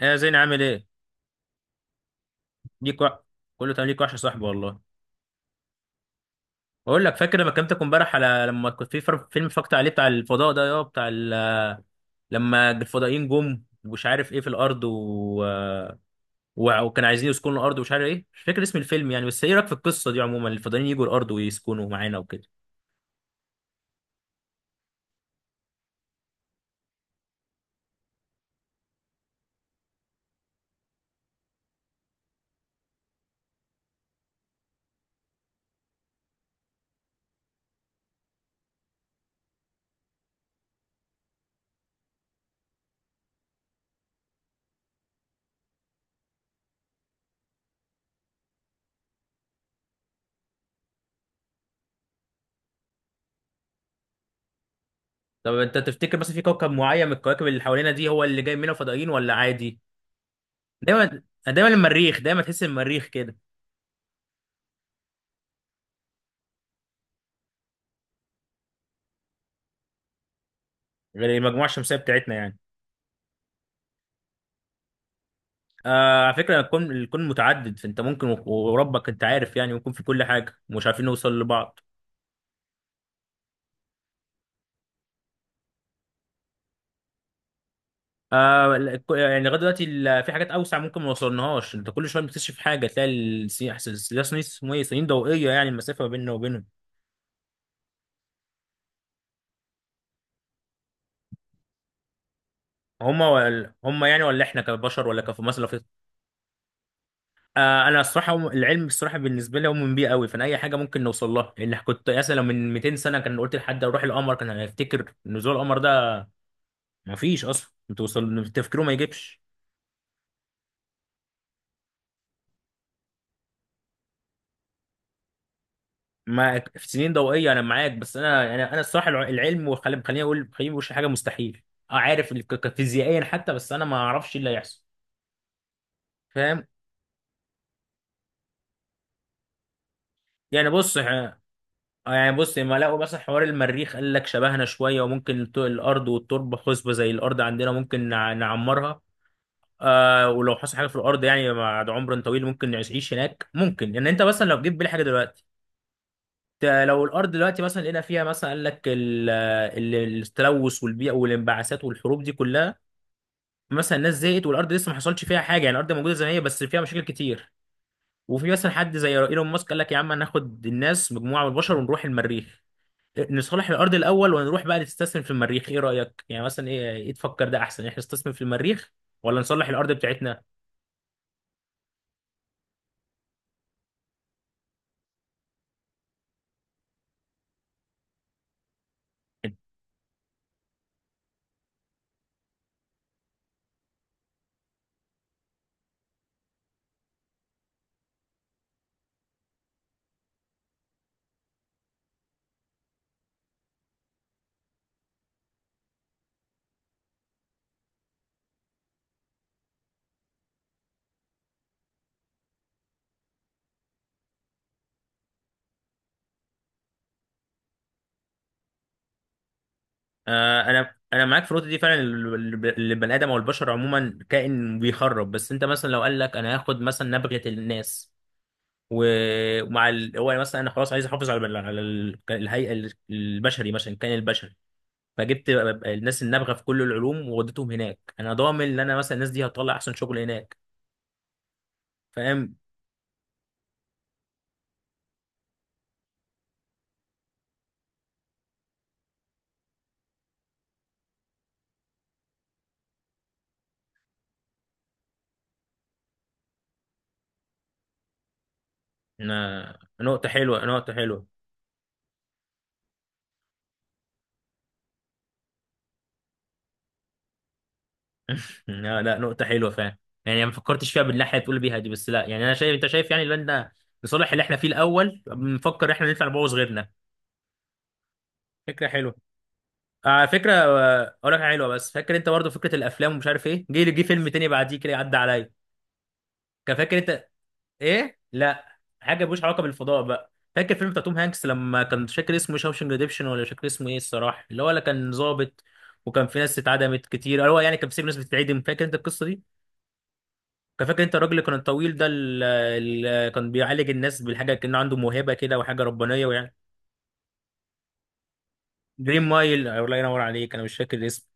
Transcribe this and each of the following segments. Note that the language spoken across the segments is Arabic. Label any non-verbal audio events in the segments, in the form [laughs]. ايه يا زين عامل ايه؟ ليك وح... كله تمام، ليك وحش يا صاحبي والله. بقول لك، فاكر لما كلمتك امبارح على لما كنت في فيلم اتفرجت عليه بتاع الفضاء ده، يا بتاع ال... لما الفضائيين جم ومش عارف ايه في الارض و... و... وكان عايزين يسكنوا الارض ومش عارف ايه، مش فاكر اسم الفيلم يعني، بس ايه رايك في القصه دي عموما، الفضائيين يجوا الارض ويسكنوا معانا وكده؟ طب انت تفتكر مثلا في كوكب معين من الكواكب اللي حوالينا دي هو اللي جاي منه فضائيين ولا عادي؟ دايما دايما المريخ، دايما تحس المريخ كده، غير المجموعه الشمسيه بتاعتنا يعني. آه، على فكرة، الكون متعدد، فانت ممكن و- وربك انت عارف يعني، ممكن في كل حاجة ومش عارفين نوصل لبعض. آه، يعني لغاية دلوقتي في حاجات أوسع ممكن ما وصلناهاش، انت كل شوية بتكتشف حاجة، تلاقي السنين اسمه ايه، سنين ضوئية، يعني المسافة ما بيننا وبينهم. هما ولا هما يعني، ولا احنا كبشر، ولا كف مثلا في. آه، انا الصراحه العلم الصراحه بالنسبه لي مؤمن بيه قوي، فانا اي حاجه ممكن نوصل لها. اللي كنت مثلا لو من 200 سنه كان قلت لحد اروح القمر كان هيفتكر نزول القمر ده مفيش اصلا، توصل تفكيره ما يجيبش. معاك في سنين ضوئيه، انا معاك، بس انا الصراحه العلم، وخلي خليني اقول خليني مش حاجه مستحيل. اه، عارف فيزيائيا حتى، بس انا ما اعرفش إيه اللي هيحصل، فاهم. يعني بص، يعني بص، لما لقوا مثلا حوار المريخ، قال لك شبهنا شويه، وممكن الارض والتربه خصبه زي الارض عندنا، ممكن نعمرها. آه، ولو حصل حاجه في الارض يعني بعد عمر طويل ممكن نعيش هناك، ممكن يعني، انت مثلا لو جيت بالي حاجه دلوقتي، لو الارض دلوقتي مثلا لقينا فيها مثلا، قال لك التلوث والبيئه والانبعاثات والحروب دي كلها، مثلا الناس زهقت والارض لسه ما حصلش فيها حاجه، يعني الارض موجوده زي ما هي بس فيها مشاكل كتير، وفي مثلا حد زي ايلون ماسك قال لك يا عم هناخد الناس، مجموعه من البشر، ونروح المريخ، نصلح الارض الاول ونروح بقى نستثمر في المريخ. ايه رايك يعني؟ مثلا ايه، ايه تفكر، ده احسن احنا نستثمر في المريخ ولا نصلح الارض بتاعتنا؟ آه، انا معاك في النقطه دي فعلا، البني ادم او البشر عموما كائن بيخرب. بس انت مثلا لو قال لك، انا هاخد مثلا نبغه الناس، و- ومع ال... هو يعني مثلا، انا خلاص عايز احافظ على الهيئه البشري مثلا، الكائن البشري، فجبت الناس النابغه في كل العلوم ووديتهم هناك، انا ضامن ان انا مثلا الناس دي هتطلع احسن شغل هناك، فاهم. أنا... نقطه حلوه، نقطه حلوه. [laughs] لا لا، نقطه حلوه، فاهم، يعني ما فكرتش فيها بالناحيه اللي بتقول بيها دي، بس لا يعني، انا شايف، انت شايف يعني ان احنا لصالح اللي احنا فيه الاول بنفكر، احنا نطلع نبوظ غيرنا. فكره حلوه. على فكره، آه، اقول لك حاجة حلوه، بس فاكر انت برضو فكره الافلام ومش عارف ايه، جه فيلم تاني بعديه كده عدى عليا، كان فاكر انت ايه؟ لا، حاجه ملوش علاقه بالفضاء بقى، فاكر فيلم بتاع توم هانكس، لما كان مش فاكر اسمه، شاوشنج ريديمشن، ولا مش فاكر اسمه ايه الصراحه، اللي هو اللي كان ظابط وكان في ناس اتعدمت كتير، هو يعني كان في سجن ناس بتتعدم، فاكر انت القصه دي؟ كان فاكر انت الراجل اللي كان الطويل ده اللي كان بيعالج الناس بالحاجه، كان عنده موهبه كده وحاجه ربانيه ويعني. دريم مايل، الله ينور عليك، انا مش فاكر الاسم.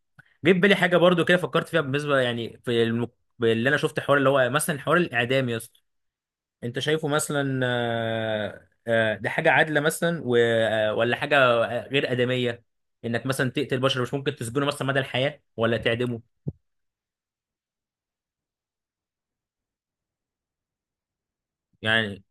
جه في بالي حاجه برضو كده، فكرت فيها بالنسبه يعني في الم... اللي انا شفت حوار اللي هو مثلا، حوار الاعدام يا اسطى، انت شايفه مثلا، آه، آه، ده حاجه عادله مثلا، آه، ولا حاجه غير ادميه، انك مثلا تقتل بشر، مش ممكن تسجنه مثلا مدى الحياه ولا تعدمه، يعني.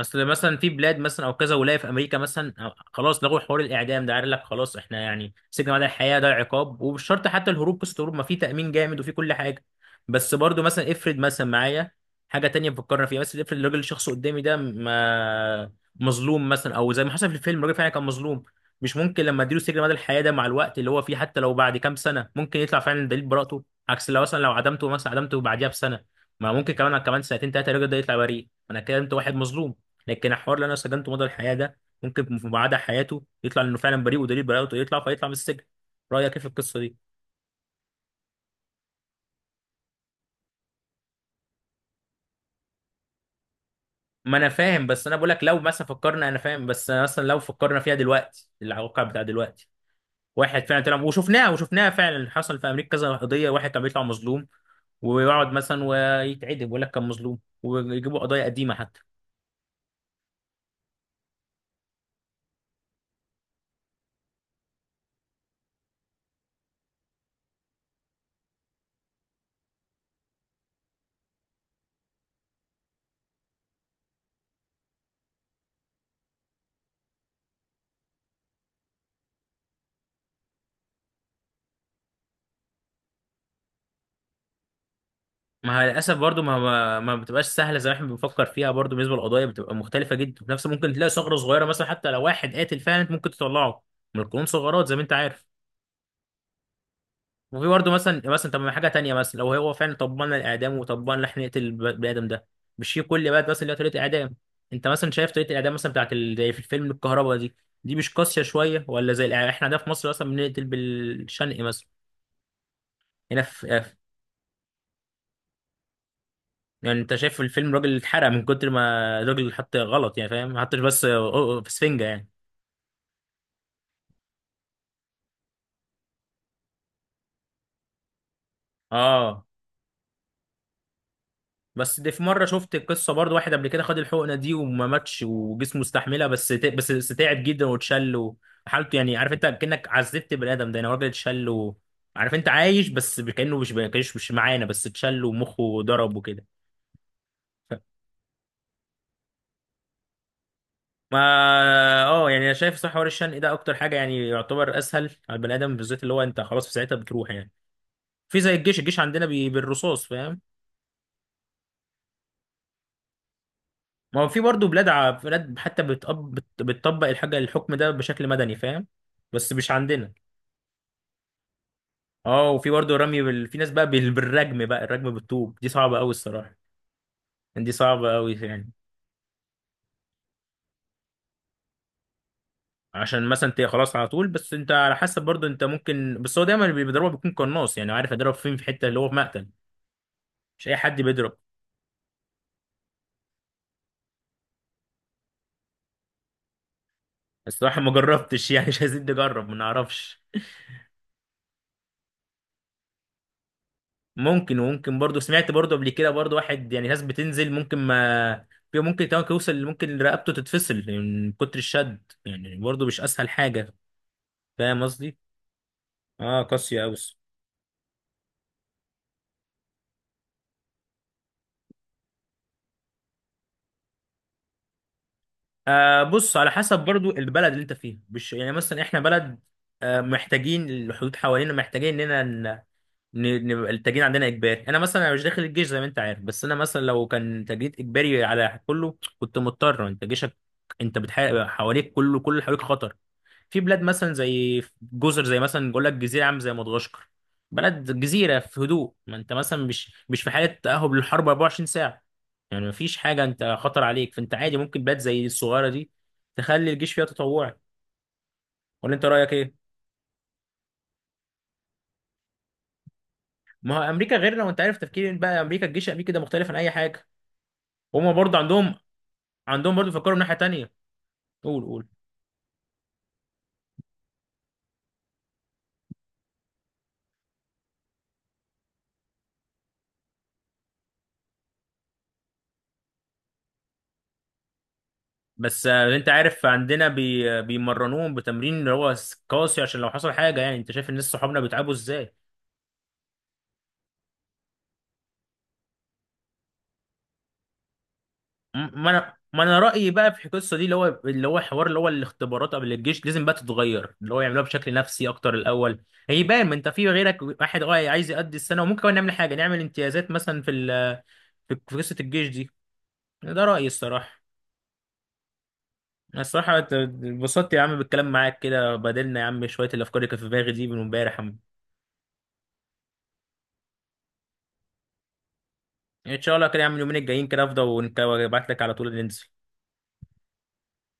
اصل مثلا في بلاد مثلا او كذا ولايه في امريكا مثلا، آه، خلاص لغوا حوار الاعدام ده، قال لك خلاص، احنا يعني سجن مدى الحياه ده عقاب، ومش شرط حتى الهروب، قصه الهروب ما في تامين جامد وفي كل حاجه. بس برضو مثلا افرض مثلا معايا حاجه تانية بفكرنا فيها، بس افرض الراجل الشخص قدامي ده ما مظلوم مثلا، او زي ما حصل في الفيلم الراجل فعلا كان مظلوم، مش ممكن لما اديله سجن مدى الحياه ده مع الوقت اللي هو فيه، حتى لو بعد كام سنه ممكن يطلع فعلا دليل براءته، عكس لو مثلا، لو عدمته مثلا، عدمته بعديها بسنه، ما ممكن كمان، كمان سنتين ثلاثه الراجل ده يطلع بريء، انا كده انت واحد مظلوم. لكن الحوار اللي انا سجنته مدى الحياه ده ممكن في بعد حياته يطلع انه فعلا بريء ودليل براءته يطلع، فيطلع من السجن. رايك ايه في القصه دي؟ ما انا فاهم، بس انا بقول لك لو مثلا فكرنا، انا فاهم، بس مثلا لو فكرنا فيها دلوقتي، الواقع بتاع دلوقتي، واحد فعلا طلع وشفناها، وشفناها فعلا، حصل في امريكا كذا قضيه، واحد كان بيطلع مظلوم ويقعد مثلا ويتعدم، ويقول لك كان مظلوم، ويجيبوا قضايا قديمه حتى. ما هي للاسف برضو ما بتبقاش سهله زي ما احنا بنفكر فيها، برضو بالنسبه للقضايا بتبقى مختلفه جدا، وفي نفس ممكن تلاقي ثغره صغيره مثلا، حتى لو واحد قاتل فعلا انت ممكن تطلعه من القانون، ثغرات زي ما انت عارف. وفي برضو مثلا، مثلا طب، ما حاجه تانيه مثلا، لو هو فعلا طبقنا الاعدام، وطبقنا احنا نقتل البني ادم ده، مش في كل بلد مثلا ليها طريقه اعدام؟ انت مثلا شايف طريقه الاعدام مثلا بتاعت زي في الفيلم الكهرباء دي، دي مش قاسيه شويه؟ ولا زي احنا ده في مصر اصلا بنقتل بالشنق مثلا، هنا في. يعني انت شايف في الفيلم راجل اتحرق من كتر ما الراجل حط غلط، يعني فاهم، ما حطش بس في سفنجة يعني. اه، بس دي في مره شفت قصه برضو، واحد قبل كده خد الحقنه دي وما ماتش، وجسمه استحملها، بس بس تعب جدا واتشل، وحالته يعني عارف انت، كانك عذبت بني ادم ده، يعني هو راجل اتشل عارف انت، عايش، بس كانه مش كانش مش معانا، بس اتشل ومخه ضرب وكده. ف- ما اه يعني انا شايف صح، حوار الشنق ده اكتر حاجه يعني يعتبر اسهل على البني ادم بالذات، اللي هو انت خلاص في ساعتها بتروح يعني. في زي الجيش، الجيش عندنا بي... بالرصاص، فاهم. ما هو في برضه بلاد ع... بلاد حتى بتقب... بت... بتطبق الحاجه الحكم ده بشكل مدني، فاهم، بس مش عندنا. اه، وفي برضه رمي بال... في ناس بقى بال... بالرجم، بقى الرجم بالطوب دي صعبه قوي الصراحه، دي صعبه قوي يعني. عشان مثلا انت خلاص على طول، بس انت على حسب برضه، انت ممكن، بس هو دايما اللي بيضربها بيكون قناص، يعني عارف يضرب فين، في حته اللي هو في مقتل، مش اي حد بيضرب. الصراحه ما جربتش يعني، مش عايزين نجرب، ما نعرفش. ممكن، وممكن برضو سمعت برضو قبل كده برضو واحد يعني، ناس بتنزل ممكن ما في، ممكن كمان يوصل، ممكن رقبته تتفصل من كتر الشد، يعني برضو مش اسهل حاجه، فاهم قصدي. اه، قاسيه قوي. آه، بص على حسب برضو البلد اللي انت فيها، مش يعني مثلا احنا بلد، آه محتاجين الحدود حوالينا، محتاجين اننا نبقى التجنيد عندنا اجباري. انا مثلا، أنا مش داخل الجيش زي ما انت عارف، بس انا مثلا لو كان تجنيد اجباري على كله كنت مضطر، انت جيشك، انت بتحارب حواليك كله، كل اللي حواليك خطر. في بلاد مثلا زي جزر، زي مثلا بقول لك جزيره عامه زي مدغشقر، بلد جزيره في هدوء، ما انت مثلا مش في حاله تاهب للحرب 24 ساعه يعني، ما فيش حاجه انت خطر عليك، فانت عادي ممكن بلاد زي الصغيره دي تخلي الجيش فيها تطوعي. ولا انت رايك ايه؟ ما هو امريكا غيرنا، وانت عارف تفكير بقى امريكا، الجيش الامريكي ده مختلف عن اي حاجه. هما برضه عندهم، عندهم برضه فكروا من ناحيه تانيه. قول، قول. بس آه، انت عارف عندنا بي... بيمرنوهم بتمرين اللي هو قاسي، عشان لو حصل حاجه، يعني انت شايف الناس صحابنا بيتعبوا ازاي. ما انا رايي بقى في القصه دي، اللي هو اللي هو حوار اللي هو الاختبارات قبل الجيش لازم بقى تتغير، اللي هو يعملوها بشكل نفسي اكتر الاول، هيبان، ما انت في غيرك واحد اه عايز يقضي السنه، وممكن كمان نعمل حاجه، نعمل امتيازات مثلا في ال، في قصه الجيش دي. ده رايي الصراحه. أنا الصراحه اتبسطت يا عم بالكلام معاك كده، بدلنا يا عم شويه الافكار اللي كانت في دماغي دي من امبارح يا عم. ان شاء الله كده يا عم، اليومين الجايين كده افضل وابعت لك على طول ننزل.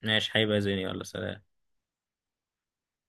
ماشي حبيبي يا زيني، يلا سلام.